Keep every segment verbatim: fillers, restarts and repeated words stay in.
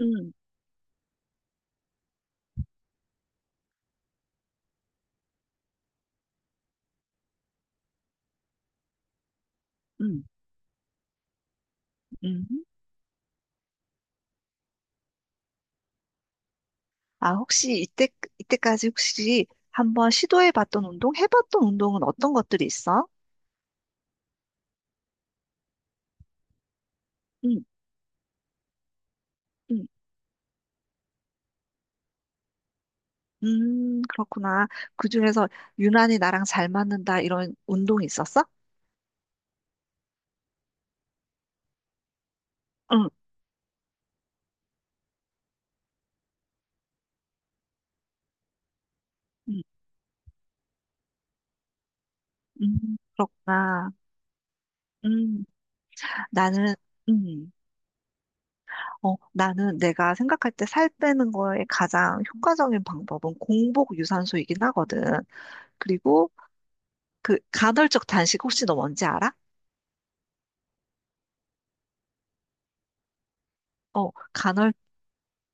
음, 음, 음. 아, 혹시 이때, 이때까지 혹시 한번 시도해봤던 운동, 해봤던 운동은 어떤 것들이 있어? 음, 음, 음, 그렇구나. 그중에서 유난히 나랑 잘 맞는다, 이런 운동이 있었어? 응, 음, 음, 그렇구나. 음, 나는, 음, 어, 나는 내가 생각할 때 살 빼는 거에 가장 효과적인 방법은 공복 유산소이긴 하거든. 그리고 그 간헐적 단식 혹시 너 뭔지 알아? 어, 간헐적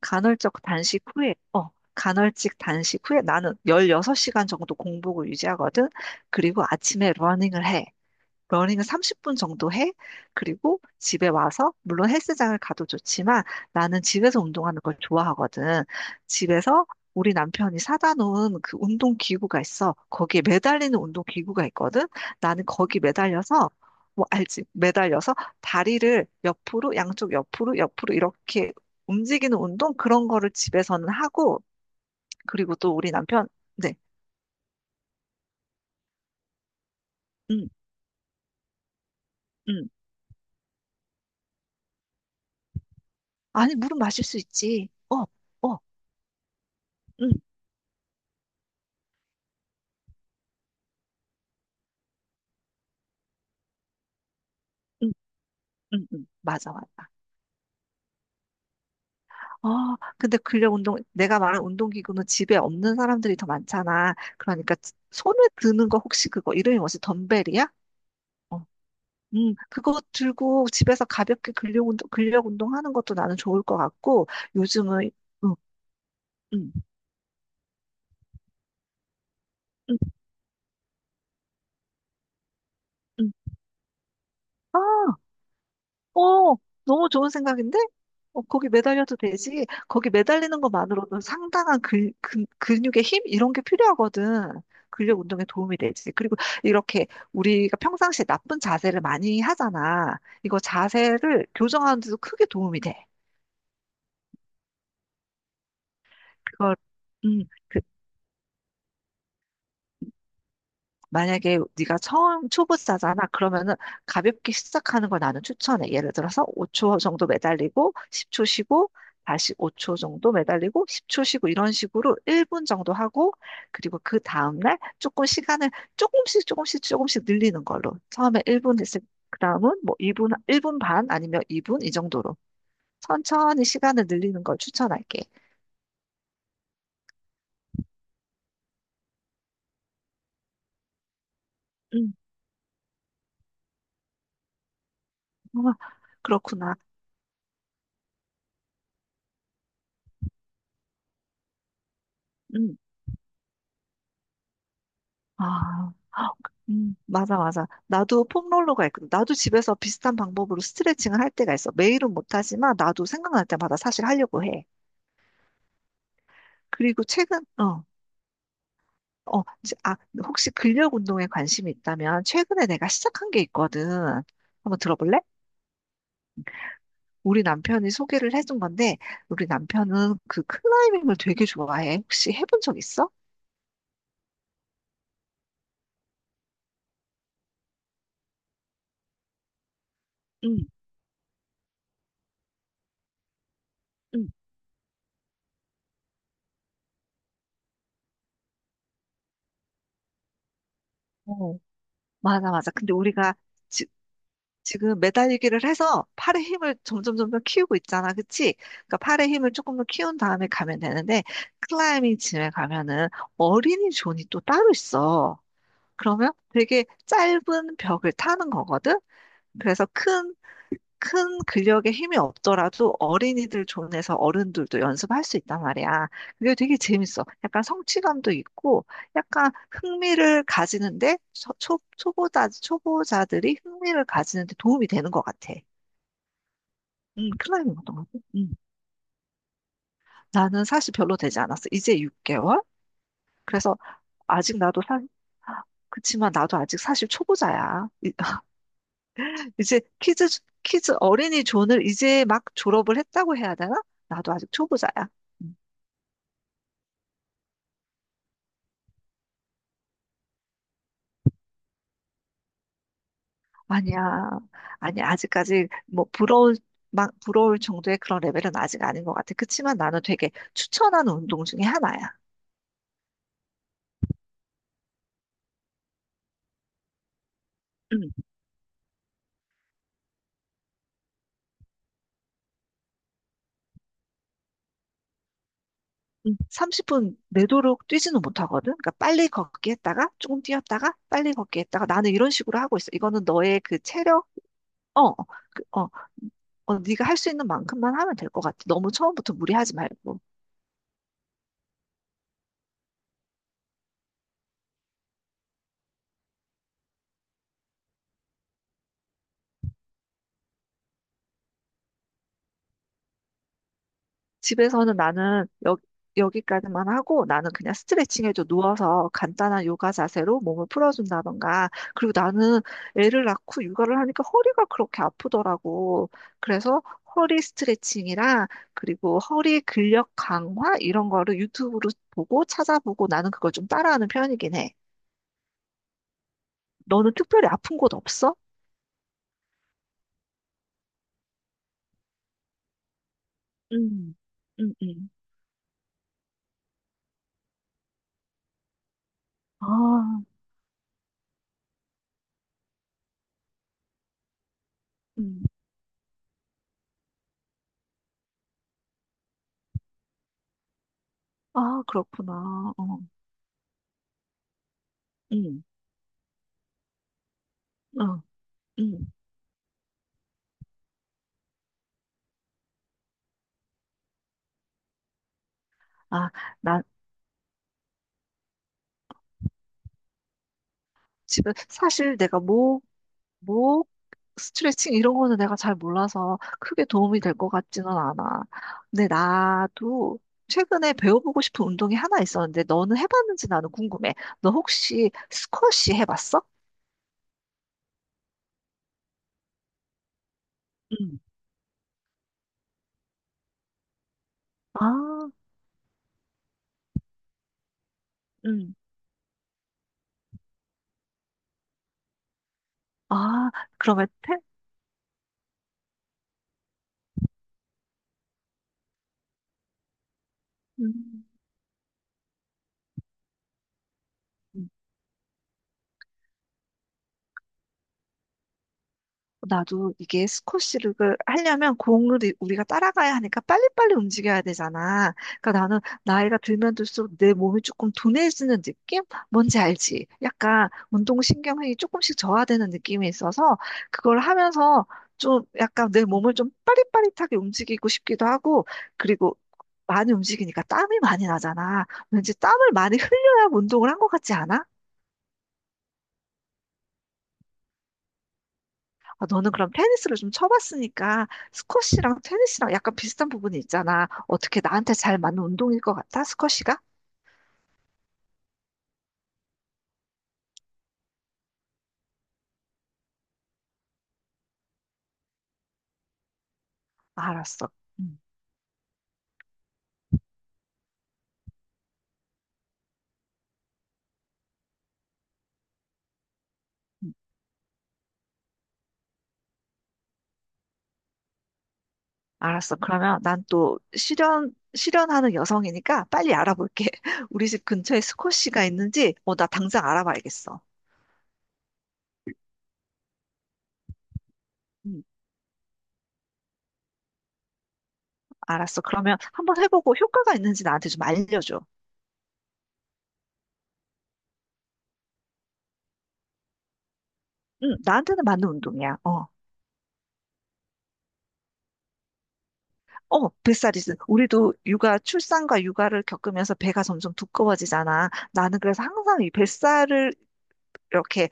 간헐적 단식 후에, 어, 간헐적 단식 후에 나는 열여섯 시간 정도 공복을 유지하거든. 그리고 아침에 러닝을 해. 러닝을 삼십 분 정도 해. 그리고 집에 와서, 물론 헬스장을 가도 좋지만 나는 집에서 운동하는 걸 좋아하거든. 집에서 우리 남편이 사다 놓은 그 운동 기구가 있어. 거기에 매달리는 운동 기구가 있거든. 나는 거기 매달려서 뭐 알지? 매달려서 다리를 옆으로, 양쪽 옆으로, 옆으로 이렇게 움직이는 운동 그런 거를 집에서는 하고 그리고 또 우리 남편 네. 음. 음. 아니, 물은 마실 수 있지. 어, 어, 음. 음. 응, 응, 맞아, 맞아. 어, 근데 근력 운동, 내가 말한 운동기구는 집에 없는 사람들이 더 많잖아. 그러니까 지- 손에 드는 거 혹시 그거 이름이 뭐지? 덤벨이야? 어, 음, 그거 들고 집에서 가볍게 근력 운동, 근력 운동 하는 것도 나는 좋을 것 같고, 요즘은, 어, 응, 응, 응. 어, 너무 좋은 생각인데? 어, 거기 매달려도 되지. 거기 매달리는 것만으로도 상당한 근, 근, 근육의 힘? 이런 게 필요하거든. 근력 운동에 도움이 되지. 그리고 이렇게 우리가 평상시에 나쁜 자세를 많이 하잖아. 이거 자세를 교정하는 데도 크게 도움이 돼. 그걸, 음, 그, 만약에 네가 처음 초보자잖아. 그러면은 가볍게 시작하는 걸 나는 추천해. 예를 들어서 오 초 정도 매달리고 십 초 쉬고 다시 오 초 정도 매달리고 십 초 쉬고 이런 식으로 일 분 정도 하고 그리고 그 다음날 조금 시간을 조금씩 조금씩 조금씩 늘리는 걸로. 처음에 일 분 했을 그다음은 뭐 이 분 일 분 반 아니면 이 분 이 정도로 천천히 시간을 늘리는 걸 추천할게. 음. 어, 그렇구나. 음. 아, 음, 맞아, 맞아. 나도 폼롤러가 있거든. 나도 집에서 비슷한 방법으로 스트레칭을 할 때가 있어. 매일은 못하지만 나도 생각날 때마다 사실 하려고 해. 그리고 최근, 어, 어, 지- 아, 혹시 근력 운동에 관심이 있다면 최근에 내가 시작한 게 있거든. 한번 들어볼래? 우리 남편이 소개를 해준 건데, 우리 남편은 그 클라이밍을 되게 좋아해. 혹시 해본 적 있어? 응, 응. 어, 맞아, 맞아. 근데 우리가 지금 매달리기를 해서 팔의 힘을 점점 점점 키우고 있잖아. 그치? 그러니까 팔의 힘을 조금 더 키운 다음에 가면 되는데 클라이밍 짐에 가면은 어린이 존이 또 따로 있어. 그러면 되게 짧은 벽을 타는 거거든. 그래서 큰 큰 근력에 힘이 없더라도 어린이들 존에서 어른들도 연습할 수 있단 말이야. 그게 되게 재밌어. 약간 성취감도 있고, 약간 흥미를 가지는데, 초, 초- 초보자, 초보자들이 흥미를 가지는데 도움이 되는 것 같아. 음, 클라이밍 어떤 거지? 음. 나는 사실 별로 되지 않았어. 이제 육 개월? 그래서 아직 나도 사, 그치만 나도 아직 사실 초보자야. 이- 이제 키즈, 키즈 어린이 존을 이제 막 졸업을 했다고 해야 되나? 나도 아직 초보자야. 음. 아니야. 아니, 아직까지 뭐 부러울, 막 부러울 정도의 그런 레벨은 아직 아닌 것 같아. 그치만 나는 되게 추천하는 운동 중에 하나야. 음. 음. 삼십 분 내도록 뛰지는 못하거든. 그러니까 빨리 걷기 했다가 조금 뛰었다가 빨리 걷기 했다가 나는 이런 식으로 하고 있어. 이거는 너의 그 체력. 어, 어, 그, 어, 어, 네가 할 수 있는 만큼만 하면 될 것 같아. 너무 처음부터 무리하지 말고. 집에서는 나는 여, 여기까지만 하고 나는 그냥 스트레칭 해줘 누워서 간단한 요가 자세로 몸을 풀어준다던가 그리고 나는 애를 낳고 육아를 하니까 허리가 그렇게 아프더라고. 그래서 허리 스트레칭이랑 그리고 허리 근력 강화 이런 거를 유튜브로 보고 찾아보고 나는 그걸 좀 따라하는 편이긴 해. 너는 특별히 아픈 곳 없어? 음. 음. 음. 아. 음. 아, 그렇구나. 어. 음. 어. 음. 아, 집에 사실 내가 목, 목 스트레칭 이런 거는 내가 잘 몰라서 크게 도움이 될 것 같지는 않아. 근데 나도 최근에 배워보고 싶은 운동이 하나 있었는데 너는 해봤는지 나는 궁금해. 너 혹시 스쿼시 해봤어? 응. 아, 응. 아, 그러면 태, 음. 나도 이게 스쿼시를 하려면 공을 이- 우리가 따라가야 하니까 빨리빨리 움직여야 되잖아. 그러니까 나는 나이가 들면 들수록 내 몸이 조금 둔해지는 느낌? 뭔지 알지? 약간 운동신경이 조금씩 저하되는 느낌이 있어서 그걸 하면서 좀 약간 내 몸을 좀 빠릿빠릿하게 움직이고 싶기도 하고 그리고 많이 움직이니까 땀이 많이 나잖아. 왠지 땀을 많이 흘려야 운동을 한 것 같지 않아? 아, 너는 그럼 테니스를 좀 쳐봤으니까 스쿼시랑 테니스랑 약간 비슷한 부분이 있잖아. 어떻게 나한테 잘 맞는 운동일 것 같아? 스쿼시가? 알았어. 음. 음. 알았어. 그러면 난 또 실현, 실현하는 여성이니까 빨리 알아볼게. 우리 집 근처에 스쿼시가 있는지, 어, 나 당장 알아봐야겠어. 음, 알았어. 그러면 한번 해보고 효과가 있는지 나한테 좀 알려줘. 응, 나한테는 맞는 운동이야. 어. 어, 뱃살이지. 우리도 육아, 출산과 육아를 겪으면서 배가 점점 두꺼워지잖아. 나는 그래서 항상 이 뱃살을 이렇게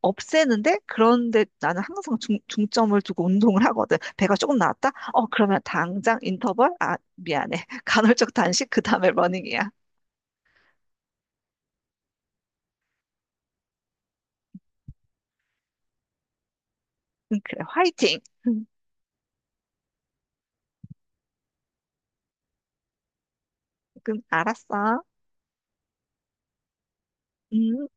없애는데, 그런데 나는 항상 중, 중점을 두고 운동을 하거든. 배가 조금 나왔다? 어, 그러면 당장 인터벌? 아, 미안해. 간헐적 단식, 그 다음에 러닝이야. 음, 그래, 화이팅! 음, 그럼 알았어. 음.